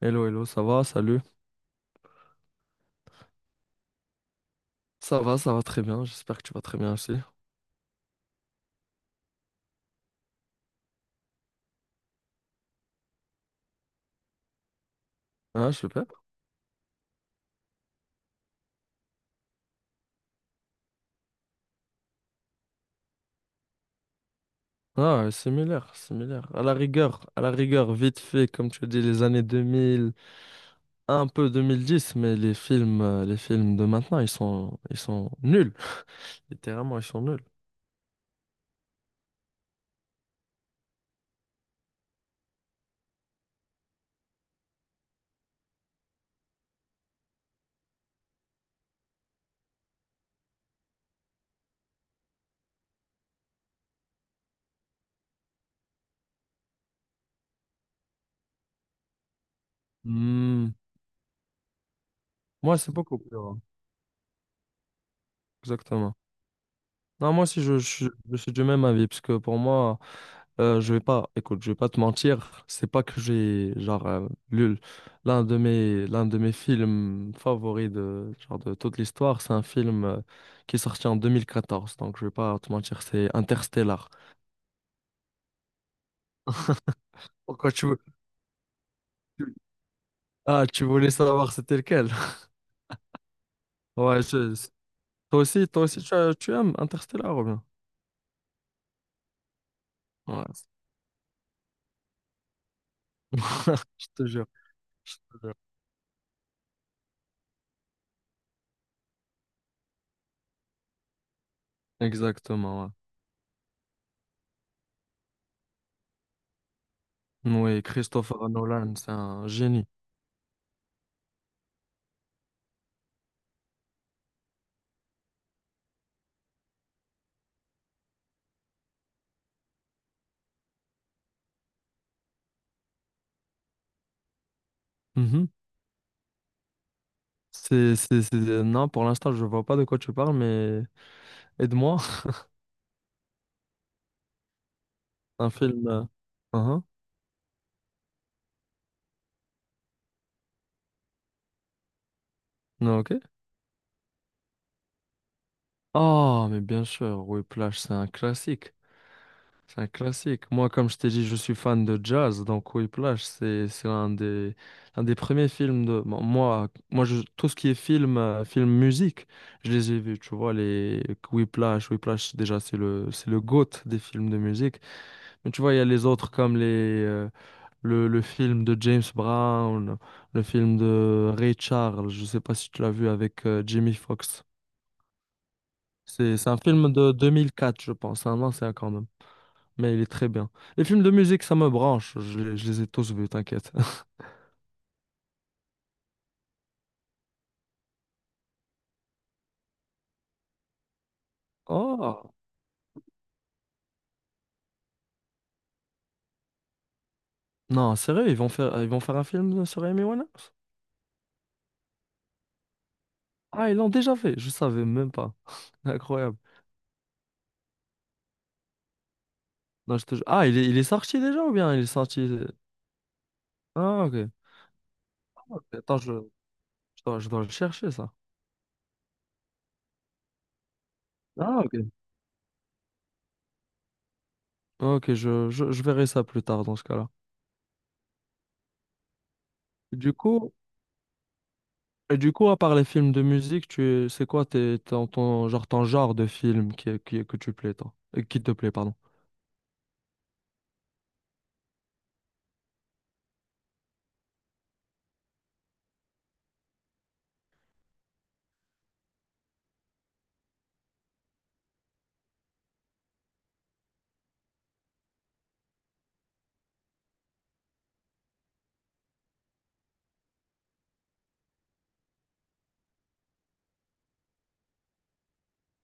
Hello, hello, ça va, salut. Ça va très bien, j'espère que tu vas très bien aussi. Ah, super. Similaire, similaire. À la rigueur, vite fait, comme tu dis, les années 2000 un peu 2010, mais les films de maintenant, ils sont nuls. Littéralement, ils sont nuls. Hmm, Moi, c'est beaucoup plus rare. Exactement. Non, moi aussi, je suis du même avis, parce que pour moi, je vais pas, écoute, je vais pas te mentir, c'est pas que j'ai, lu l'un de mes films favoris de, genre, de toute l'histoire, c'est un film qui est sorti en 2014, donc je vais pas te mentir, c'est Interstellar. Pourquoi tu veux… Ah, tu voulais savoir c'était lequel? Ouais, je- je- toi aussi, tu aimes Interstellar, ou bien? Ouais. Je te jure, je te jure. Exactement, ouais. Oui, Christopher Nolan, c'est un génie. Mhm. Non, pour l'instant, je vois pas de quoi tu parles, mais aide-moi. Un film. Uhum. Non, ok. Oh, mais bien sûr, Whiplash, c'est un classique. C'est un classique. Moi, comme je t'ai dit, je suis fan de jazz, donc Whiplash, c'est l'un des premiers films de. Tout ce qui est film, film musique, je les ai vus, tu vois, les Whiplash. Whiplash, déjà, c'est le GOAT des films de musique. Mais tu vois, il y a les autres comme les. Le film de James Brown, le film de Ray Charles, je sais pas si tu l'as vu avec Jamie Foxx. C'est un film de 2004, je pense, un ancien quand même, mais il est très bien. Les films de musique, ça me branche, je les ai tous vus, t'inquiète. Oh! Non, sérieux, ils vont faire un film sur Amy Winehouse? Ah, ils l'ont déjà fait, je savais même pas. Incroyable. Non, je te... ju- Ah, il est sorti déjà ou bien il est sorti… Ah, ok. Ah, ok, attends, je dois le chercher, ça. Ah, ok. Ok, je verrai ça plus tard dans ce cas-là. Du coup, et du coup, à part les films de musique, c'est quoi genre, ton genre de film que tu plais, toi? Qui te plaît, pardon.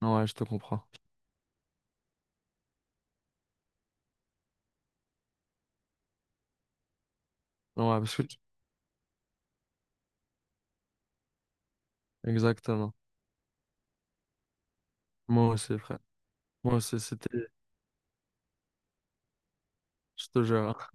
Ouais, je te comprends. Ouais, parce que tu- Exactement. Moi aussi, frère. Moi aussi, c'était… Je te jure.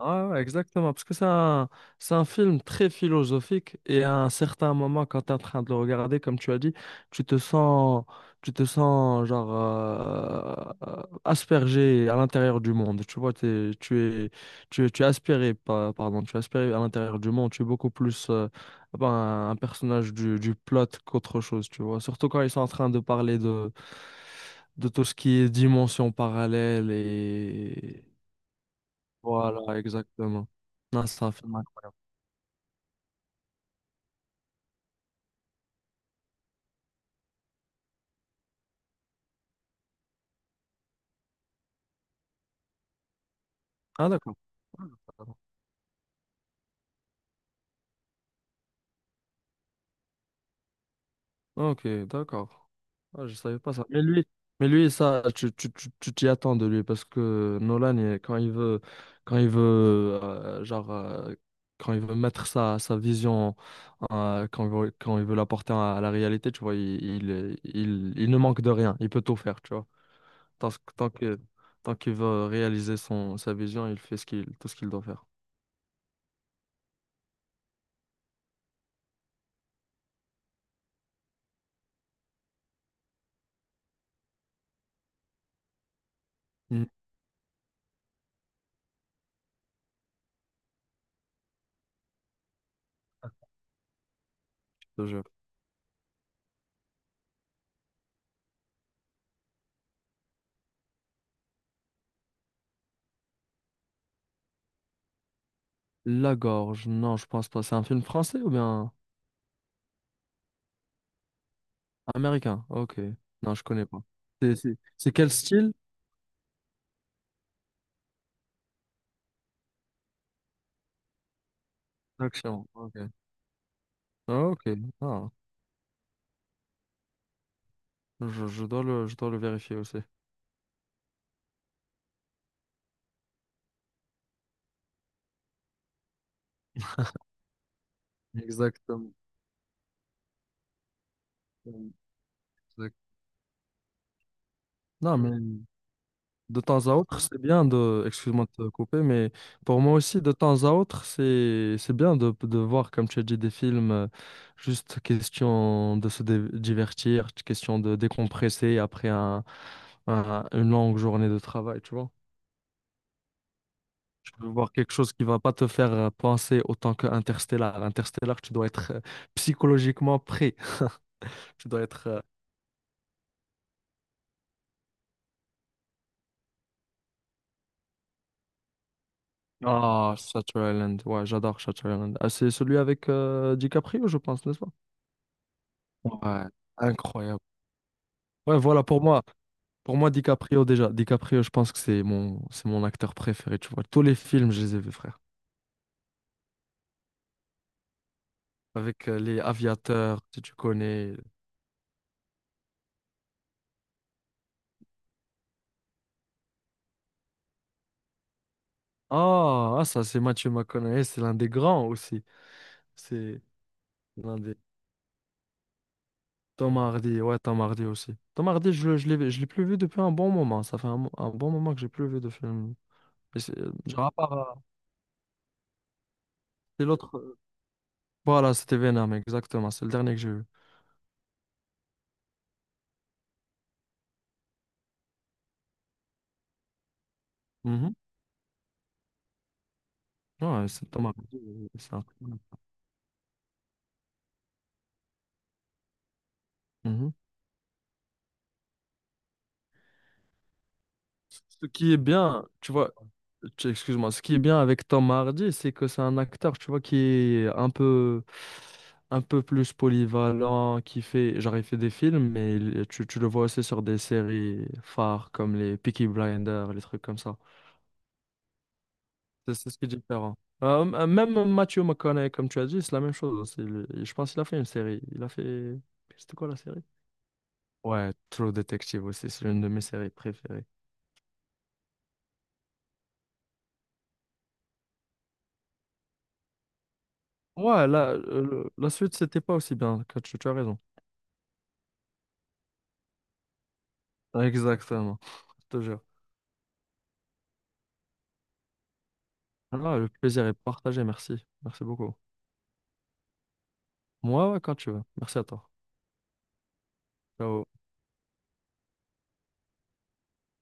Ouais, ouais, exactement, parce que c'est un film très philosophique et à un certain moment, quand tu es en train de le regarder, comme tu as dit, tu te sens, tu te sens aspergé à l'intérieur du monde. Tu vois, es, tu es aspiré, pardon, tu es aspiré à l'intérieur du monde. Tu es beaucoup plus un personnage du plot qu'autre chose, tu vois. Surtout quand ils sont en train de parler de tout ce qui est dimension parallèle. Voilà, exactement. Non, c'est un film. Ah, d'accord. Ah, d'accord. Ok, d'accord. Ah, je savais pas ça. Mais lui, ça, tu t'y attends de lui, parce que Nolan, quand il veut, quand il veut, quand il veut mettre sa vision, quand il veut l'apporter à la réalité, tu vois, il ne manque de rien. Il peut tout faire, tu vois. Tant que, tant qu'il veut réaliser sa vision, il fait tout ce qu'il doit faire. Mhm. Je te jure. La Gorge, non, je pense pas. C'est un film français ou bien américain? Ok. Non, je connais pas. C'est quel style d'action? Ok. Ah, ok. Ah, je dois le vérifier aussi. Exactement. Exact. Non, mais de temps à autre, c'est bien de, excuse-moi de te couper, mais pour moi aussi, de temps à autre, c'est bien de voir, comme tu as dit, des films, juste question de se divertir, question de décompresser après une longue journée de travail, tu vois. Tu peux voir quelque chose qui va pas te faire penser autant que Interstellar. Interstellar, tu dois être psychologiquement prêt. Tu dois être… Ah, Shutter Island, ouais, j'adore Shutter Island. Ah, c'est celui avec DiCaprio, je pense, n'est-ce pas? Ouais, incroyable. Ouais, voilà, pour moi, DiCaprio, déjà, DiCaprio, je pense que c'est mon acteur préféré, tu vois. Tous les films, je les ai vus, frère. Avec les aviateurs, si tu connais. Ah, ah, ça, c'est Matthew McConaughey, c'est l'un des grands aussi. C'est l'un des… Tom Hardy, ouais, Tom Hardy aussi. Tom Hardy, je l'ai plus vu depuis un bon moment. Ça fait un bon moment que j'ai plus vu de film. Genre, à part, c'est l'autre… Voilà, c'était Venom, exactement. C'est le dernier que j'ai vu. Mhm. Ouais, c'est Tom Hardy, c'est un… Mhm. Ce qui est bien, tu vois, excuse-moi, ce qui est bien avec Tom Hardy, c'est que c'est un acteur, tu vois, qui est un peu plus polyvalent, qui fait, genre, il fait des films, mais tu le vois aussi sur des séries phares comme les Peaky Blinders, les trucs comme ça. C'est ce qui est différent. Même Matthew McConaughey, comme tu as dit, c'est la même chose aussi. Je pense qu'il a fait une série. Il a fait… C'était quoi la série? Ouais, True Detective aussi, c'est l'une de mes séries préférées. Ouais, la suite, c'était pas aussi bien. Que tu as raison. Exactement. Je te jure. Ah, le plaisir est partagé. Merci. Merci beaucoup. Moi, ouais, quand tu veux. Merci à toi. Ciao.